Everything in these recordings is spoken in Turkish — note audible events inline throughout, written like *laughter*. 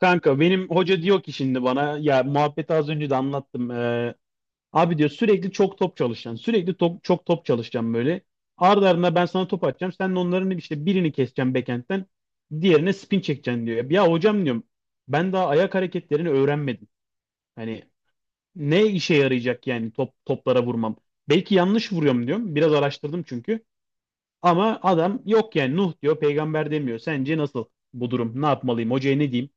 Kanka benim hoca diyor ki şimdi bana ya, muhabbeti az önce de anlattım. Abi diyor sürekli çok top çalışacaksın. Sürekli top, çok top çalışacaksın böyle. Ardı ardına ben sana top atacağım. Sen de onların işte birini keseceksin backhand'den. Diğerine spin çekeceksin diyor. Ya hocam diyorum ben daha ayak hareketlerini öğrenmedim. Hani ne işe yarayacak yani top toplara vurmam. Belki yanlış vuruyorum diyorum. Biraz araştırdım çünkü. Ama adam yok yani, Nuh diyor peygamber demiyor. Sence nasıl bu durum? Ne yapmalıyım? Hocaya ne diyeyim?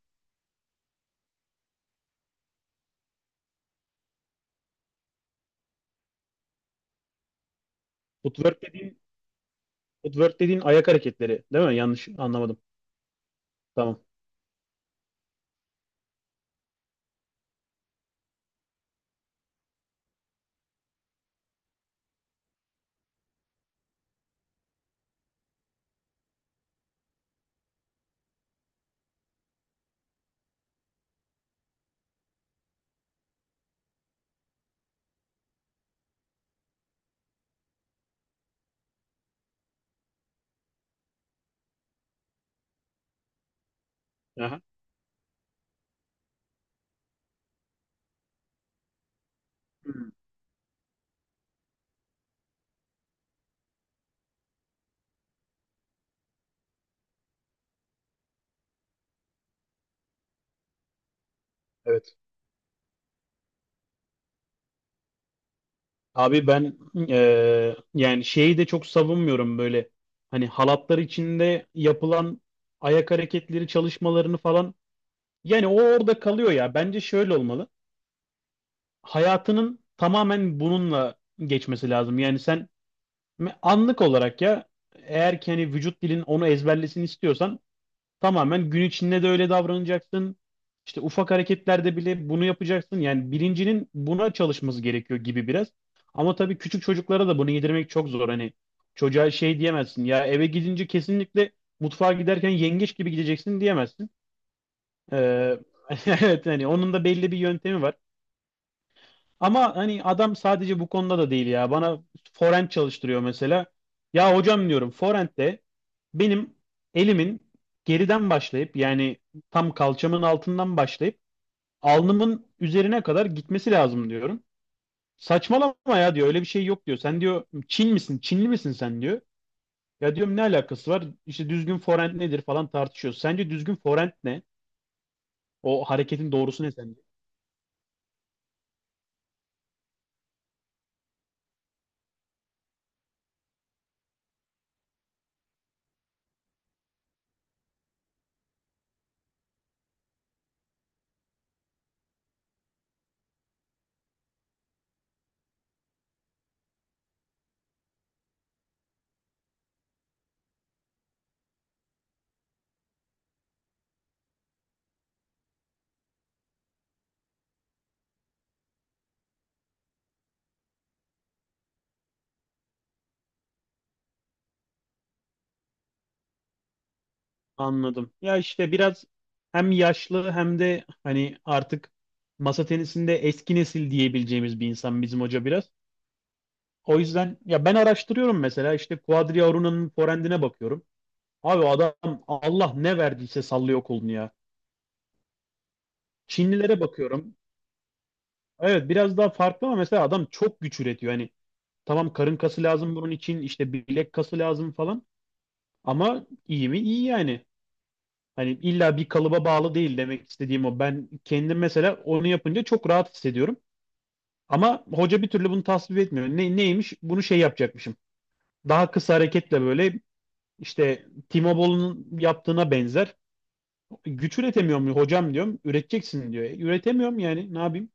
Footwork, footwork dediğin ayak hareketleri değil mi? Yanlış anlamadım. Tamam. Aha, evet. Abi ben yani şeyi de çok savunmuyorum böyle. Hani halatlar içinde yapılan ayak hareketleri çalışmalarını falan. Yani o orada kalıyor ya. Bence şöyle olmalı. Hayatının tamamen bununla geçmesi lazım. Yani sen anlık olarak ya, eğer ki hani vücut dilin onu ezberlesin istiyorsan tamamen gün içinde de öyle davranacaksın. İşte ufak hareketlerde bile bunu yapacaksın. Yani bilincinin buna çalışması gerekiyor gibi biraz. Ama tabii küçük çocuklara da bunu yedirmek çok zor. Hani çocuğa şey diyemezsin. Ya eve gidince kesinlikle mutfağa giderken yengeç gibi gideceksin diyemezsin. Ee, *laughs* evet, hani onun da belli bir yöntemi var. Ama hani adam sadece bu konuda da değil ya. Bana forend çalıştırıyor mesela. Ya hocam diyorum, forend'de benim elimin geriden başlayıp yani tam kalçamın altından başlayıp alnımın üzerine kadar gitmesi lazım diyorum. Saçmalama ya diyor, öyle bir şey yok diyor. Sen diyor Çin misin? Çinli misin sen diyor. Ya diyorum ne alakası var? İşte düzgün forend nedir falan tartışıyoruz. Sence düzgün forend ne? O hareketin doğrusu ne? Anladım. Ya işte biraz hem yaşlı hem de hani artık masa tenisinde eski nesil diyebileceğimiz bir insan bizim hoca biraz. O yüzden ya ben araştırıyorum mesela, işte Quadriauruna'nın forehand'ine bakıyorum. Abi adam Allah ne verdiyse sallıyor kolunu ya. Çinlilere bakıyorum. Evet biraz daha farklı ama mesela adam çok güç üretiyor. Hani tamam, karın kası lazım bunun için, işte bilek kası lazım falan, ama iyi mi? İyi yani. Hani illa bir kalıba bağlı değil, demek istediğim o. Ben kendim mesela onu yapınca çok rahat hissediyorum. Ama hoca bir türlü bunu tasvip etmiyor. Ne, neymiş? Bunu şey yapacakmışım. Daha kısa hareketle, böyle işte Timo Boll'un yaptığına benzer. Güç üretemiyor mu hocam diyorum. Üreteceksin diyor. Üretemiyorum yani, ne yapayım?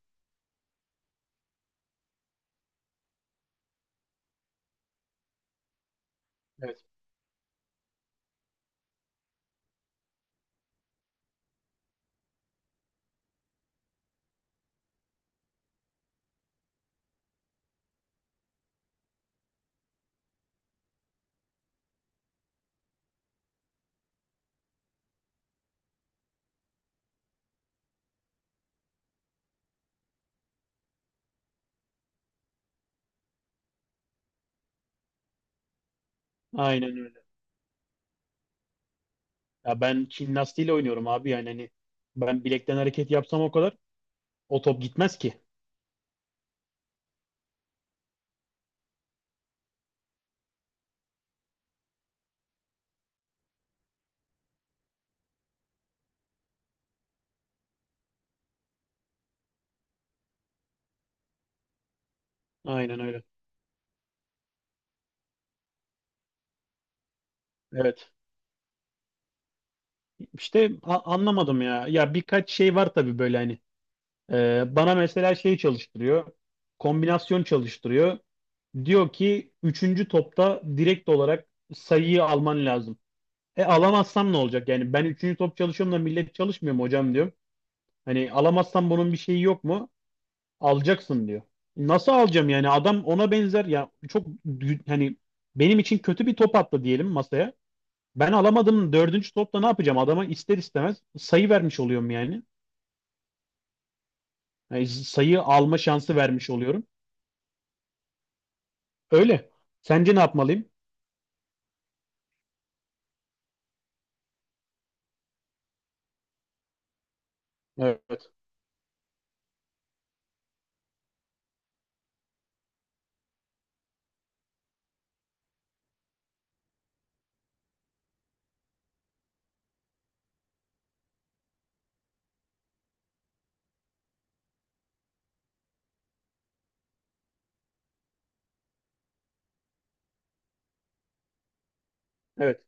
Evet. Aynen öyle. Ya ben Çin lastiğiyle oynuyorum abi, yani hani ben bilekten hareket yapsam o kadar o top gitmez ki. Aynen öyle. Evet. İşte anlamadım ya. Ya birkaç şey var tabii böyle hani. Bana mesela şey çalıştırıyor. Kombinasyon çalıştırıyor. Diyor ki üçüncü topta direkt olarak sayıyı alman lazım. E, alamazsam ne olacak? Yani ben üçüncü top çalışıyorum da millet çalışmıyor mu hocam diyorum. Hani alamazsam bunun bir şeyi yok mu? Alacaksın diyor. Nasıl alacağım yani? Adam ona benzer ya, çok hani benim için kötü bir top attı diyelim masaya. Ben alamadım, dördüncü topta ne yapacağım? Adama ister istemez sayı vermiş oluyorum yani. Yani sayı alma şansı vermiş oluyorum. Öyle. Sence ne yapmalıyım? Evet. Evet.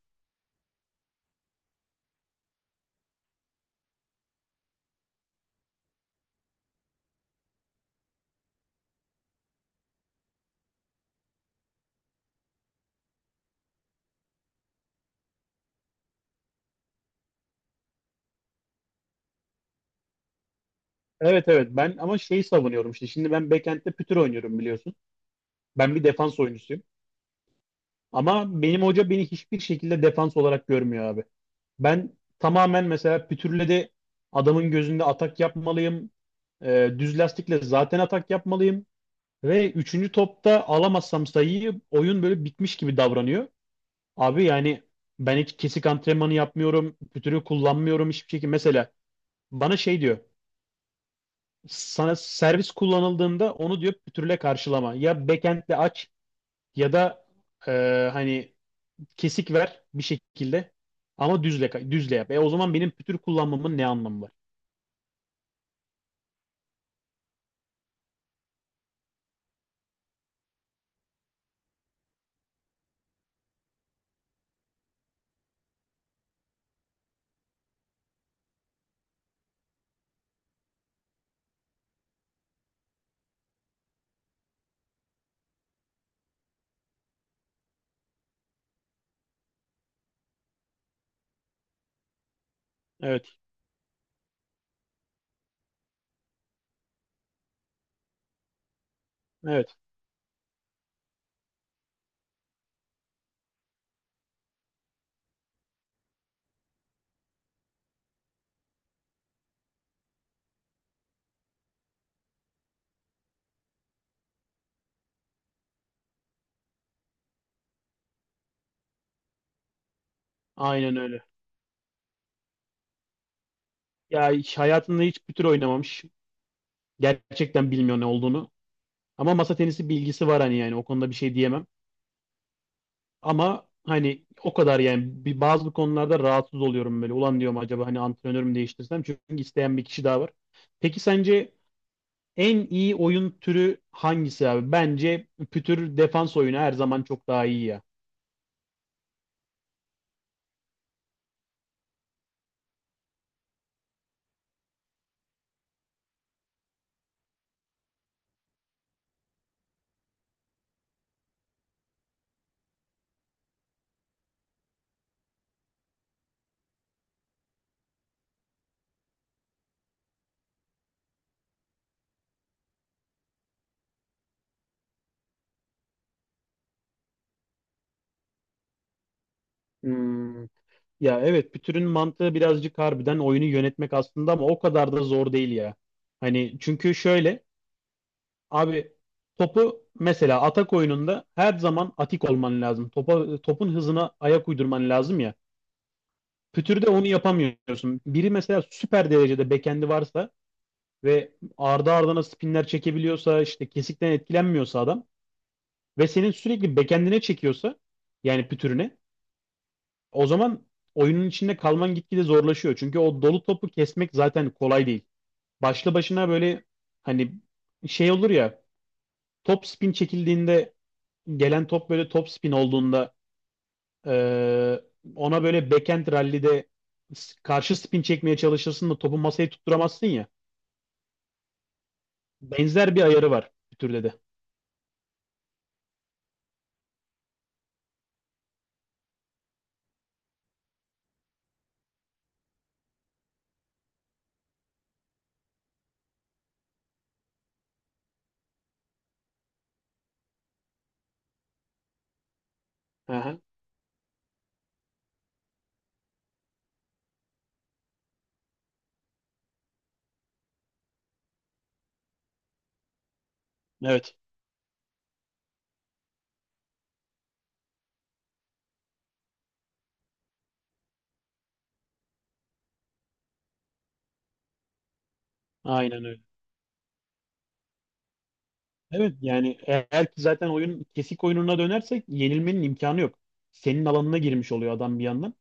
Evet, evet. Ben ama şeyi savunuyorum işte. Şimdi ben backend'de pütür oynuyorum biliyorsun. Ben bir defans oyuncusuyum. Ama benim hoca beni hiçbir şekilde defans olarak görmüyor abi. Ben tamamen mesela pütürle de adamın gözünde atak yapmalıyım. Düz lastikle zaten atak yapmalıyım. Ve üçüncü topta alamazsam sayıyı, oyun böyle bitmiş gibi davranıyor. Abi yani ben hiç kesik antrenmanı yapmıyorum. Pütürü kullanmıyorum hiçbir şekilde. Mesela bana şey diyor: sana servis kullanıldığında onu diyor pütürle karşılama. Ya backend'le aç, ya da e, hani kesik ver bir şekilde ama düzle düzle yap. E o zaman benim pütür kullanmamın ne anlamı var? Evet. Evet. Aynen öyle. Ya hiç hayatında hiç pütür oynamamış. Gerçekten bilmiyor ne olduğunu. Ama masa tenisi bilgisi var, hani yani o konuda bir şey diyemem. Ama hani o kadar yani, bir bazı konularda rahatsız oluyorum böyle. Ulan diyorum acaba hani antrenörümü değiştirsem, çünkü isteyen bir kişi daha var. Peki sence en iyi oyun türü hangisi abi? Bence pütür defans oyunu her zaman çok daha iyi ya. Hmm. Ya evet, pütürün mantığı birazcık harbiden oyunu yönetmek aslında, ama o kadar da zor değil ya. Hani çünkü şöyle abi, topu mesela atak oyununda her zaman atik olman lazım. Topa, topun hızına ayak uydurman lazım ya. Pütürde onu yapamıyorsun. Biri mesela süper derecede bekendi varsa ve ardı ardına spinler çekebiliyorsa, işte kesikten etkilenmiyorsa adam ve senin sürekli backend'ine çekiyorsa, yani pütürüne, o zaman oyunun içinde kalman gitgide zorlaşıyor. Çünkü o dolu topu kesmek zaten kolay değil. Başlı başına böyle hani şey olur ya, top spin çekildiğinde, gelen top böyle top spin olduğunda eee, ona böyle backend rally'de karşı spin çekmeye çalışırsın da topu masaya tutturamazsın ya. Benzer bir ayarı var pütürde de. Aha, evet. Aynen öyle. Evet yani eğer ki zaten oyun kesik oyununa dönersek yenilmenin imkanı yok. Senin alanına girmiş oluyor adam bir yandan.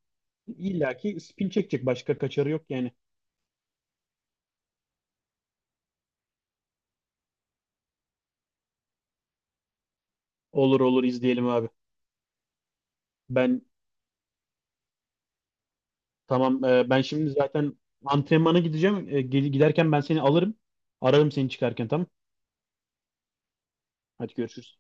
İlla ki spin çekecek, başka kaçarı yok yani. Olur olur, izleyelim abi. Ben Ben şimdi zaten antrenmana gideceğim. Giderken ben seni alırım. Ararım seni çıkarken, tamam. Hadi görüşürüz.